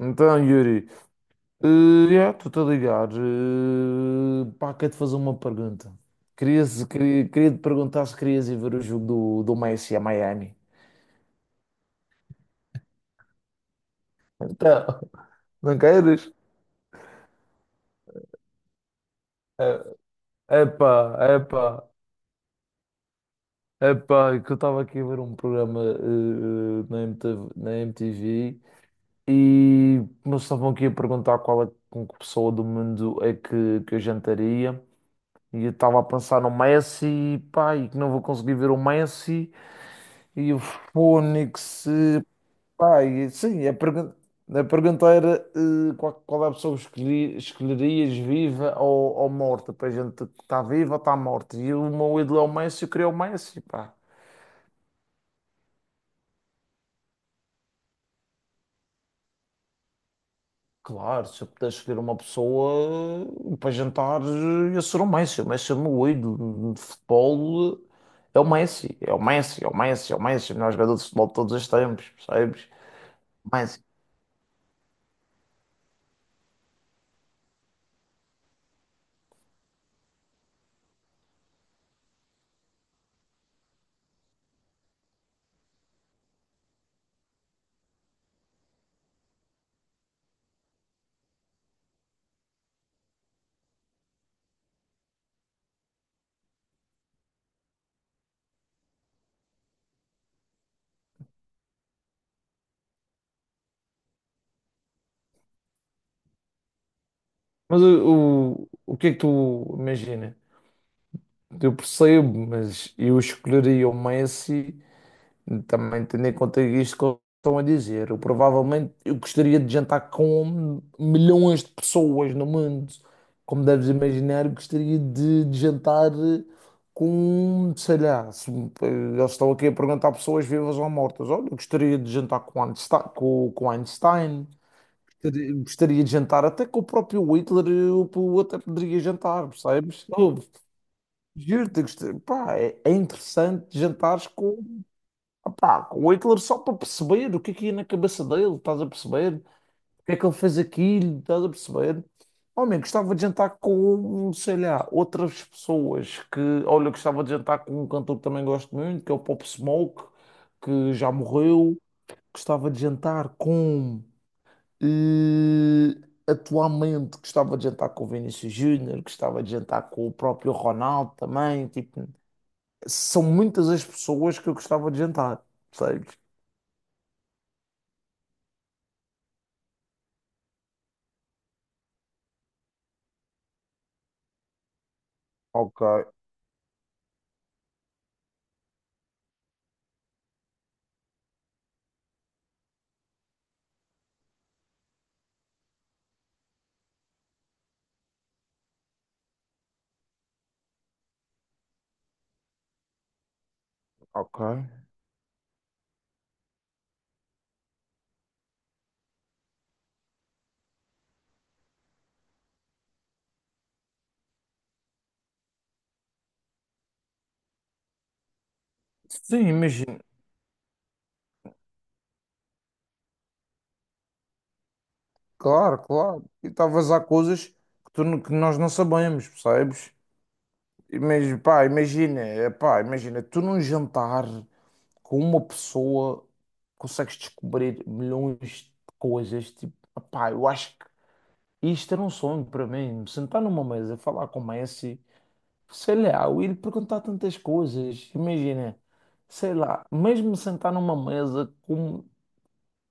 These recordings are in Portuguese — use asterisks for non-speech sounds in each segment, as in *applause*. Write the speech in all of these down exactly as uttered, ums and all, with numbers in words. Então, Yuri, eh, yeah, estou-te a ligar. Eh, pá, quero-te fazer uma pergunta. Queria, se- queria, queria te perguntar se querias ir ver o jogo do, do Messi a Miami. Então, *laughs* não queres? É- Epá, epá, Epá, é que eu estava aqui a ver um programa eh, na M T V, na M T V e me estavam aqui a perguntar qual é com que pessoa do mundo é que, que eu jantaria. E eu estava a pensar no Messi, pá, e que não vou conseguir ver o Messi. E o Fónix, eh, pá, e, sim, a pergunta, a pergunta era eh, qual, qual é a pessoa que escolhi- escolherias viva ou, ou morta, para a gente que está viva ou está morta. E o meu ídolo é o Messi, eu queria o Messi, pá. Claro, se eu pudesse escolher uma pessoa eh, para jantar, eh, ia ser o Messi. O Messi é o meu ídolo de futebol. eh, É o Messi, é o Messi, é o Messi, é o Messi, o melhor jogador de futebol de todos os tempos, percebes? Messi. Mas o, o, o que é que tu imaginas? Eu percebo, mas eu escolheria o Messi, também tendo em conta isto que eles estão a dizer. Eu provavelmente eu gostaria de jantar com milhões de pessoas no mundo. Como deves imaginar, eu gostaria de, de jantar com, sei lá, se, eles estão aqui a perguntar a pessoas vivas ou mortas. Olha, eu gostaria de jantar com Einstein, com, com Einstein. Gostaria gostaria de jantar até com o próprio Hitler, eu, eu até poderia jantar, percebes? Juro-te, gostei. Pá, é, é interessante jantares com, pá, com o Hitler só para perceber o que é que ia na cabeça dele, estás a perceber? O que é que ele fez aquilo, estás a perceber? Homem, gostava de jantar com, sei lá, outras pessoas que, olha, gostava de jantar com um cantor que também gosto muito, que é o Pop Smoke, que já morreu. Gostava de jantar com, eh, atualmente, gostava de jantar com o Vinícius Júnior, gostava de jantar com o próprio Ronaldo também, tipo. São muitas as pessoas que eu gostava de jantar, percebes? Ok, ok. Sim, imagina. Claro, claro. E talvez há coisas que, tu não- que nós não sabemos, percebes? Imagina, pá, imagina, eh, pá, imagina, tu num jantar com uma pessoa consegues descobrir milhões de coisas. Tipo, pá, eu acho que isto era um sonho para mim. Me sentar numa mesa, falar com o Messi, sei lá, o ir perguntar tantas coisas, imagina, sei lá, mesmo sentar numa mesa com,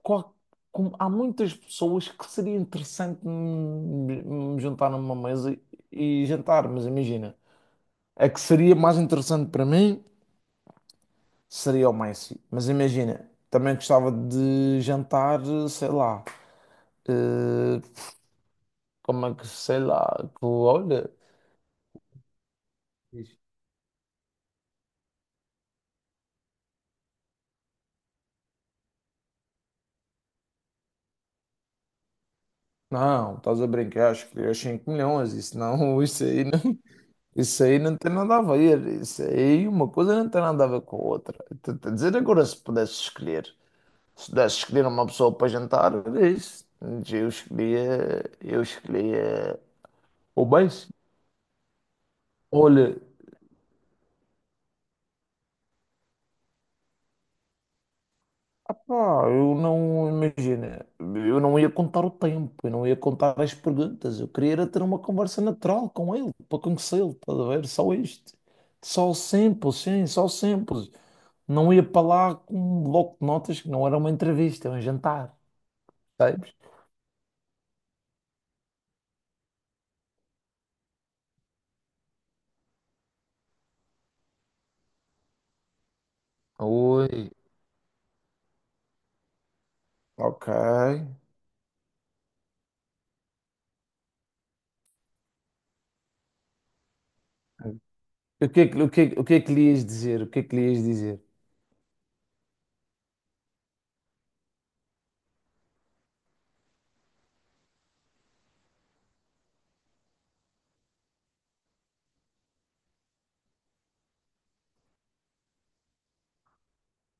qual- com- há muitas pessoas que seria interessante me, me juntar numa mesa e jantar, mas imagina, a que seria mais interessante para mim seria o Messi, mas imagina, também gostava de jantar, sei lá, eh, como é que, sei lá, com- olha, não, estás a brincar, acho que cinco milhões, isso não, *laughs* isso aí não. Isso aí não tem nada a ver. Isso aí uma coisa não tem nada a ver com a outra. Estou a dizer agora, se pudesse escolher, se pudesse escolher uma pessoa para jantar, era isso. Mas eu escolhia, eu escolhia o beijo. Olha, apá, eu não imagina, eu não ia contar o tempo, eu não ia contar as perguntas. Eu queria era ter uma conversa natural com ele, para conhecê-lo, estás a ver? Só isto. Só simples, sim, só simples. Não ia para lá com um bloco de notas que não era uma entrevista, é um jantar, sabes? Oi, ok. O que é que, o que, é que- o que é que lhe ias dizer? O que é que lhe ias dizer?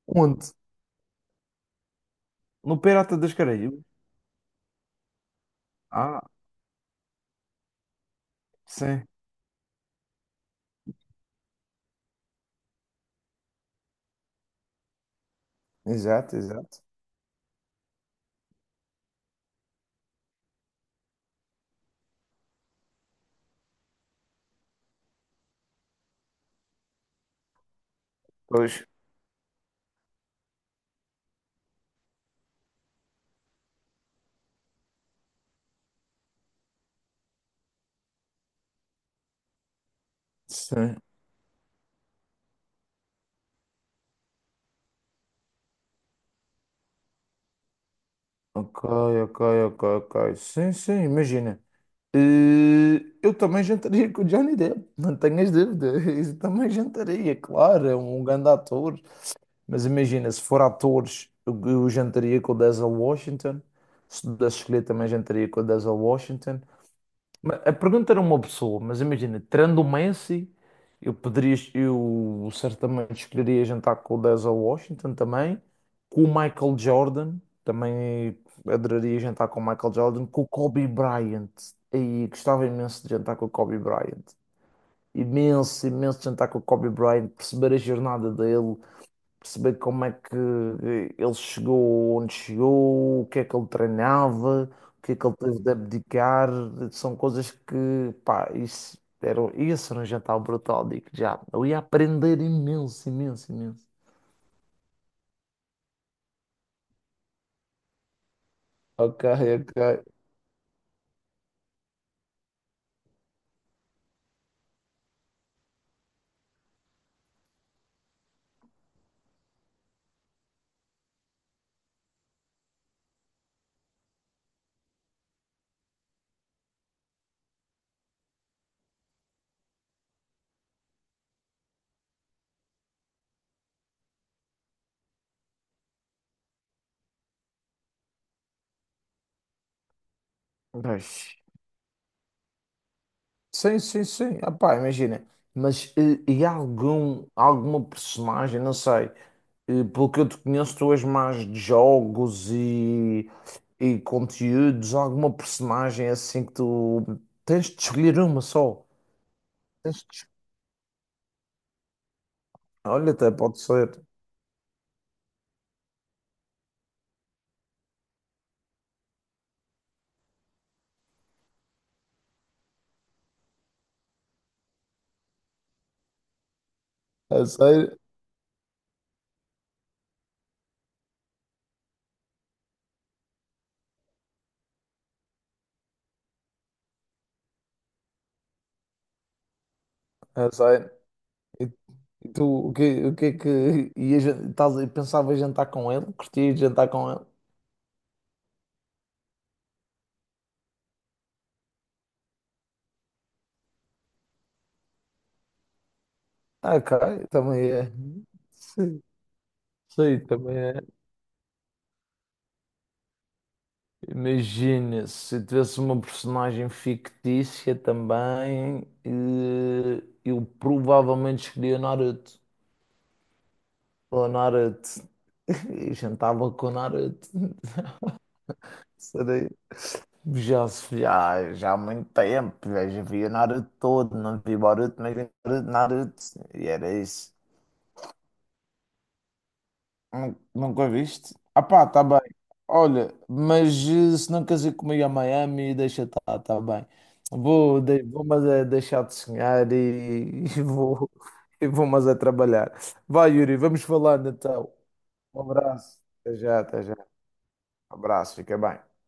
Onde? No Pirata das Caraíbas? Ah, sim. Exato, exato. Pois. Sim. Ok, ok, ok, ok. Sim, sim, imagina. Eh, eu também jantaria com o Johnny Depp, não tenhas dúvida. *laughs* Eu também jantaria, claro, é um grande ator. Mas imagina, se for atores, eu, eu jantaria com o Denzel Washington. Se pudesse escolher, também jantaria com o Denzel Washington. Mas a pergunta era uma pessoa, mas imagina, tirando o Messi, eu poderia, eu certamente escolheria jantar com o Denzel Washington também, com o Michael Jordan, também adoraria jantar com o Michael Jordan, com o Kobe Bryant. E gostava imenso de jantar com o Kobe Bryant. Imenso, imenso de jantar com o Kobe Bryant, perceber a jornada dele, perceber como é que eh, ele chegou onde chegou, o que é que ele treinava, o que é que ele teve de abdicar, são coisas que, pá, isso era, isso era um jantar brutal, digo já. Eu ia aprender imenso, imenso, imenso. Ok, ok. Pois. Sim, sim, sim. Ah, pá, imagina. Mas eh, e há algum, alguma personagem, não sei, eh, pelo que eu te conheço, tu és mais de jogos e, e conteúdos, alguma personagem assim que tu tens de escolher uma só. Tens de... es- Olha, até pode ser. É sério, é sério. E e tu, o que, o que é que *laughs* ias, estás, pensava em jantar com ele? Curtias jantar com ele? Ah, ok, também é. Sim, sim, também é. Imagina, se tivesse uma personagem fictícia também, eh, eu provavelmente escolhia Naruto. Ou Naruto. *laughs* E jantava com Naruto. *laughs* Será? Já, se- já, já há muito tempo, já, já vi o Naruto todo, não vi Boruto, mas vi Naruto, Naruto. E era isso. Nun- Nunca viste? Ah pá, tá bem. Olha, mas eh, se não queres ir comigo a Miami, deixa estar, tá bem. Vou, de- vou mas é deixar de sonhar e, *laughs* e vou, e vou mas é trabalhar. Vai, Yuri, vamos falando então. Um abraço. Até já, até já. Um abraço, fica bem.